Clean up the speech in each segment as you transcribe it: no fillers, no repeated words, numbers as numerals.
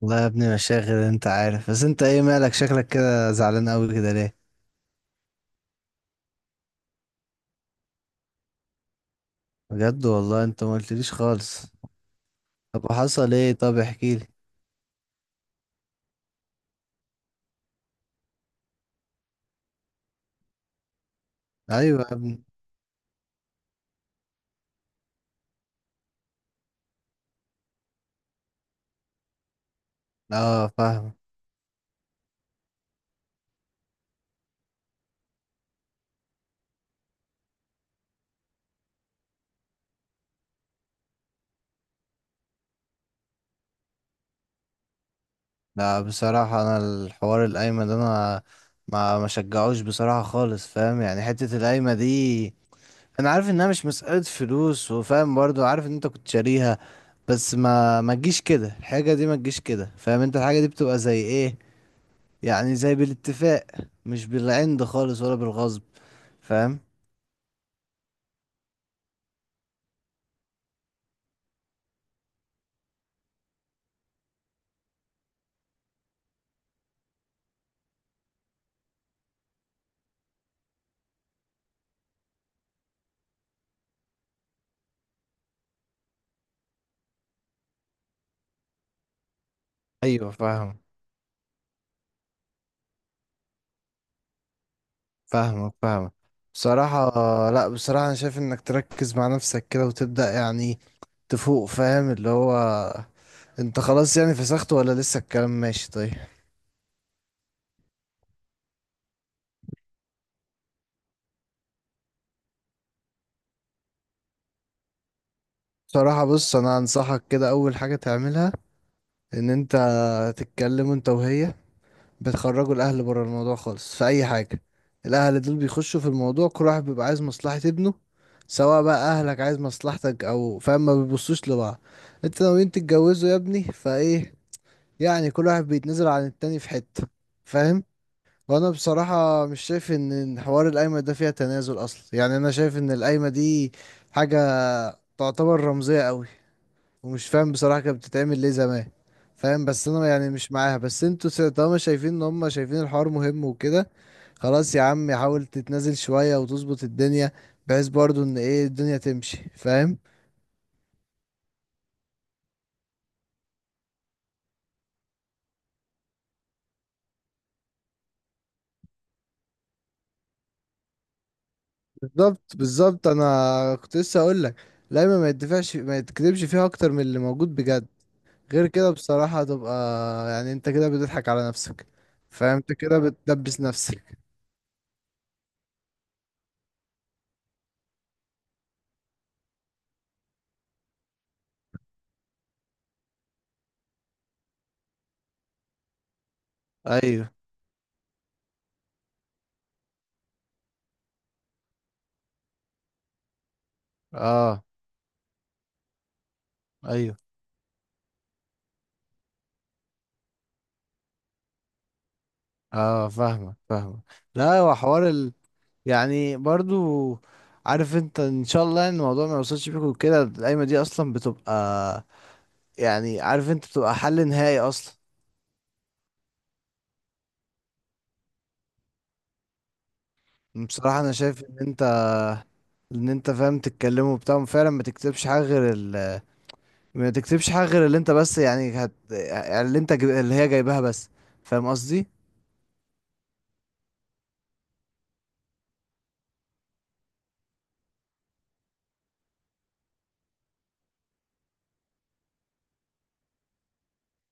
والله يا ابني، مشاغل، انت عارف. بس انت ايه مالك؟ شكلك كده زعلان قوي كده ليه؟ بجد؟ والله انت ما قلتليش خالص. طب وحصل ايه؟ طب احكي لي. ايوه يا ابني. اه، فاهم. لا بصراحه، انا الحوار القايمه ده انا ما شجعوش بصراحه خالص. فاهم يعني؟ حته القايمه دي، انا عارف انها مش مساله فلوس، وفاهم برضو، عارف ان انت كنت شاريها. بس ما تجيش كده، الحاجه دي ما تجيش كده. فاهم؟ انت الحاجه دي بتبقى زي ايه؟ يعني زي بالاتفاق، مش بالعند خالص ولا بالغصب. فاهم؟ ايوه، فاهم. فاهمك، فاهمك. بصراحة، لا بصراحة انا شايف انك تركز مع نفسك كده وتبدأ يعني تفوق. فاهم؟ اللي هو، انت خلاص يعني فسخت ولا لسه الكلام ماشي؟ طيب. بصراحة، بص، انا انصحك كده، اول حاجة تعملها ان انت تتكلم انت وهي، بتخرجوا الاهل بره الموضوع خالص في اي حاجه. الاهل دول بيخشوا في الموضوع، كل واحد بيبقى عايز مصلحه ابنه، سواء بقى اهلك عايز مصلحتك او، فاهم؟ ما بيبصوش لبعض. انت ناويين تتجوزوا يا ابني فايه؟ يعني كل واحد بيتنازل عن التاني في حته. فاهم؟ وانا بصراحه مش شايف ان حوار القايمه ده فيها تنازل اصلا. يعني انا شايف ان القايمه دي حاجه تعتبر رمزيه قوي، ومش فاهم بصراحة كانت بتتعمل ليه زمان. فاهم؟ بس انا يعني مش معاها، بس انتوا طالما شايفين ان هم شايفين الحوار مهم وكده، خلاص يا عم، حاول تتنازل شوية وتظبط الدنيا، بحيث برضو ان ايه الدنيا تمشي. فاهم؟ بالظبط، بالظبط، انا كنت لسه اقول لك. لا، ما يدفعش، ما يتكذبش فيها اكتر من اللي موجود بجد. غير كده بصراحة تبقى، يعني انت كده بتضحك على نفسك. فاهم؟ انت كده بتدبس نفسك. ايوه، اه، ايوه، اه، فاهمك، فاهمك. لا، هو حوار يعني برضو، عارف انت ان شاء الله ان الموضوع ما يوصلش بيكوا كده. القايمه دي اصلا بتبقى، يعني عارف انت، بتبقى حل نهائي اصلا. بصراحه انا شايف ان انت، ان انت، فاهم، تتكلموا وبتاع فعلا، ما تكتبش حاجه غير ما تكتبش حاجه غير اللي انت، بس يعني يعني اللي هي جايباها بس. فاهم قصدي؟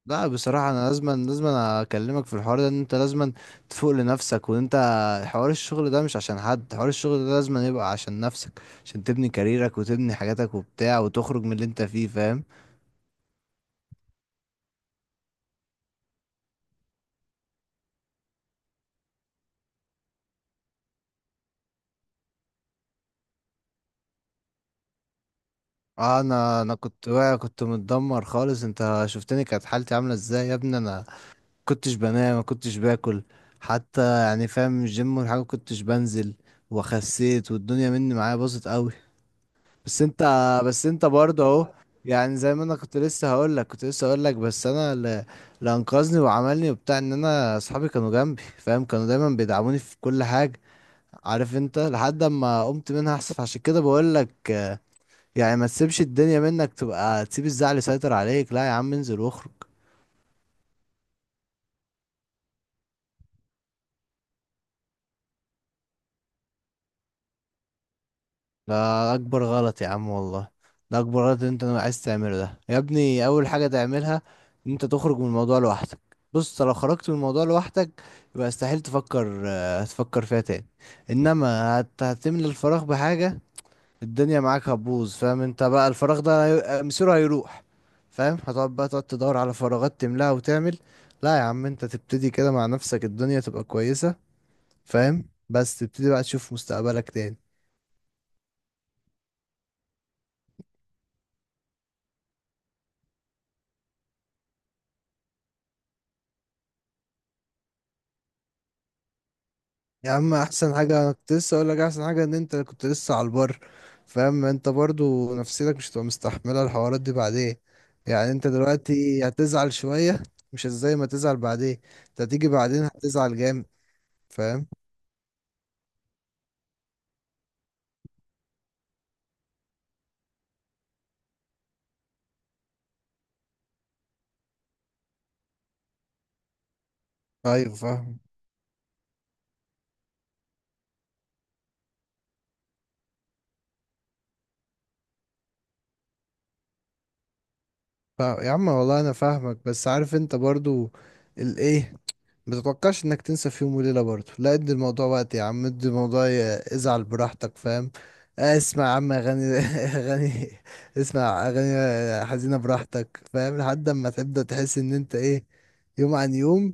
لا، بصراحة أنا لازم أكلمك في الحوار ده، إن أنت لازم تفوق لنفسك، وإن أنت حوار الشغل ده مش عشان حد، حوار الشغل ده لازم يبقى عشان نفسك، عشان تبني كاريرك وتبني حاجاتك وبتاع وتخرج من اللي أنت فيه. فاهم؟ آه، أنا كنت واقع، كنت متدمر خالص. أنت شفتني كانت حالتي عاملة إزاي يا ابني. أنا كنتش بنام، ما كنتش باكل حتى، يعني فاهم، الجيم والحاجة ما كنتش بنزل، وخسيت، والدنيا مني معايا باظت أوي. بس انت، بس انت برضه اهو. يعني زي ما انا كنت لسه هقول لك بس انا اللي انقذني وعملني وبتاع، ان انا اصحابي كانوا جنبي، فاهم، كانوا دايما بيدعموني في كل حاجه. عارف انت؟ لحد اما قمت منها احسن، عشان كده بقول لك. يعني ما تسيبش الدنيا منك، تبقى تسيب الزعل يسيطر عليك. لا يا عم، انزل واخرج. ده اكبر غلط يا عم والله. ده اكبر غلط إن انت عايز تعمله ده يا ابني. اول حاجه تعملها ان انت تخرج من الموضوع لوحدك. بص، أنت لو خرجت من الموضوع لوحدك يبقى استحيل تفكر، آه، هتفكر فيها تاني. انما هتملى الفراغ بحاجه، الدنيا معاك هتبوظ. فاهم؟ انت بقى الفراغ ده آه، مصيره هيروح. فاهم؟ هتقعد بقى، تقعد تدور على فراغات تملاها وتعمل. لا يا عم، انت تبتدي كده مع نفسك، الدنيا تبقى كويسه. فاهم؟ بس تبتدي بقى تشوف مستقبلك تاني. يا عم، احسن حاجة انا كنت لسه اقول لك، احسن حاجة ان انت كنت لسه على البر. فاهم؟ انت برضو نفسيتك مش هتبقى مستحملة الحوارات دي بعدين. يعني انت دلوقتي هتزعل شوية، مش زي ما تزعل بعدين. انت هتيجي بعدين هتزعل جامد. فاهم؟ ايوه، فاهم. يا عم والله انا فاهمك، بس عارف انت برضو الايه؟ متتوقعش انك تنسى في يوم وليلة برضه. لا، ادي الموضوع وقت يا عم، ادي الموضوع، ازعل براحتك. فاهم؟ آه، اسمع يا عم اغاني اغاني. اسمع اغاني حزينة براحتك، فاهم؟ لحد اما تبدأ تحس ان انت ايه، يوم عن يوم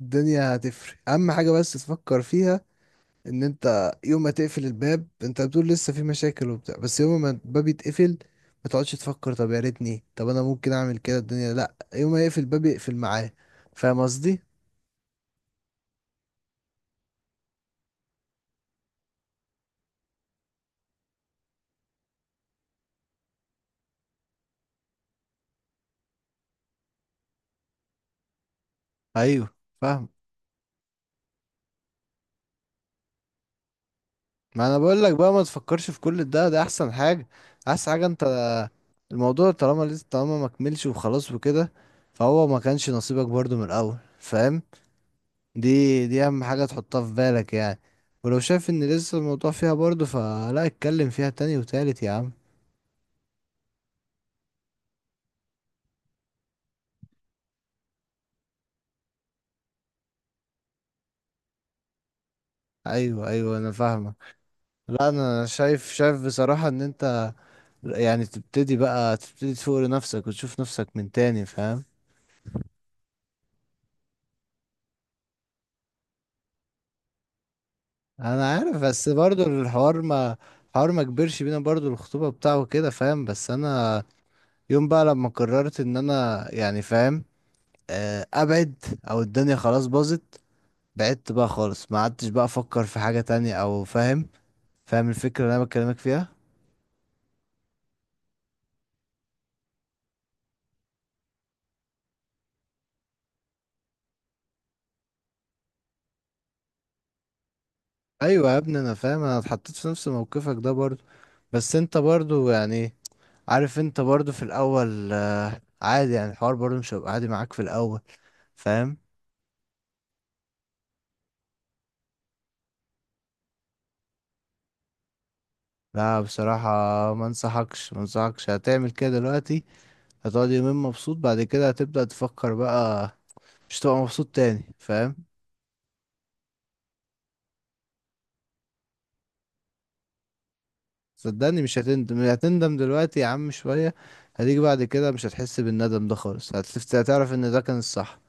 الدنيا هتفرق. اهم حاجة بس تفكر فيها ان انت يوم ما تقفل الباب، انت بتقول لسه في مشاكل وبتاع، بس يوم ما الباب يتقفل ما تقعدش تفكر، طب يا ريتني، طب انا ممكن اعمل كده. الدنيا لا، يوم ما يقفل الباب يقفل معاه. فاهم قصدي؟ ايوه، فاهم. ما انا بقول لك بقى، ما تفكرش في كل ده، ده احسن حاجه. احسن حاجه انت، الموضوع طالما ما كملش وخلاص وكده، فهو ما كانش نصيبك برضو من الاول. فاهم؟ دي دي اهم حاجه تحطها في بالك يعني. ولو شايف ان لسه الموضوع فيها برضو، فلا، اتكلم فيها تاني وتالت يا عم. ايوه، ايوه، انا فاهمك. لا، انا شايف بصراحه ان انت، يعني تبتدي تفوق لنفسك وتشوف نفسك من تاني. فاهم؟ انا عارف، بس برضو الحوار ما كبرش بينا، برضو الخطوبة بتاعه كده، فاهم؟ بس انا يوم بقى لما قررت ان انا يعني، فاهم، آه، ابعد، او الدنيا خلاص باظت، بعدت بقى خالص ما عدتش بقى افكر في حاجة تانية او، فاهم. فاهم الفكرة اللي انا بكلمك فيها؟ ايوه يا ابني، انا فاهم، انا اتحطيت في نفس موقفك ده برضو. بس انت برضو يعني، عارف انت برضو في الاول، آه، عادي، يعني الحوار برضو مش هيبقى عادي معاك في الاول. فاهم؟ لا بصراحة، ما انصحكش هتعمل كده دلوقتي. هتقعد يومين مبسوط، بعد كده هتبدأ تفكر بقى، مش هتبقى مبسوط تاني. فاهم؟ صدقني مش هتندم، هتندم دلوقتي يا عم شوية، هتيجي بعد كده مش هتحس بالندم ده خالص. هتعرف ان ده كان الصح.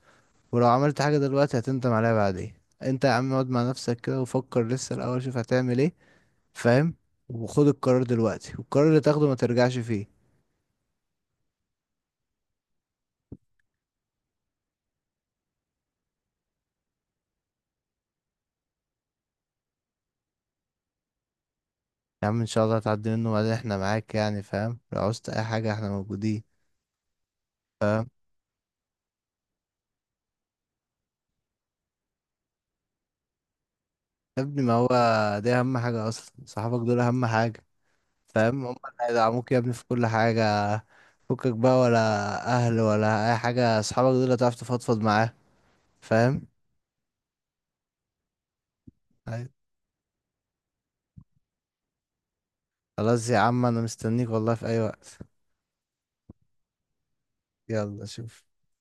ولو عملت حاجة دلوقتي هتندم عليها بعدين. انت يا عم، اقعد مع نفسك كده وفكر لسه الاول، شوف هتعمل ايه. فاهم؟ وخد القرار دلوقتي، والقرار اللي تاخده ما ترجعش فيه. يا عم ان شاء الله هتعدي منه، وبعدين احنا معاك، يعني فاهم، لو عوزت اي حاجة احنا موجودين. فاهم؟ يا ابني ما هو دي اهم حاجة اصلا، صحابك دول اهم حاجة. فاهم؟ هم اللي هيدعموك يا ابني في كل حاجة. فكك بقى، ولا اهل ولا اي حاجة، صحابك دول هتعرف تفضفض معاه. فاهم؟ أيوة. خلاص يا عم، انا مستنيك والله في اي وقت. يلا، شوف.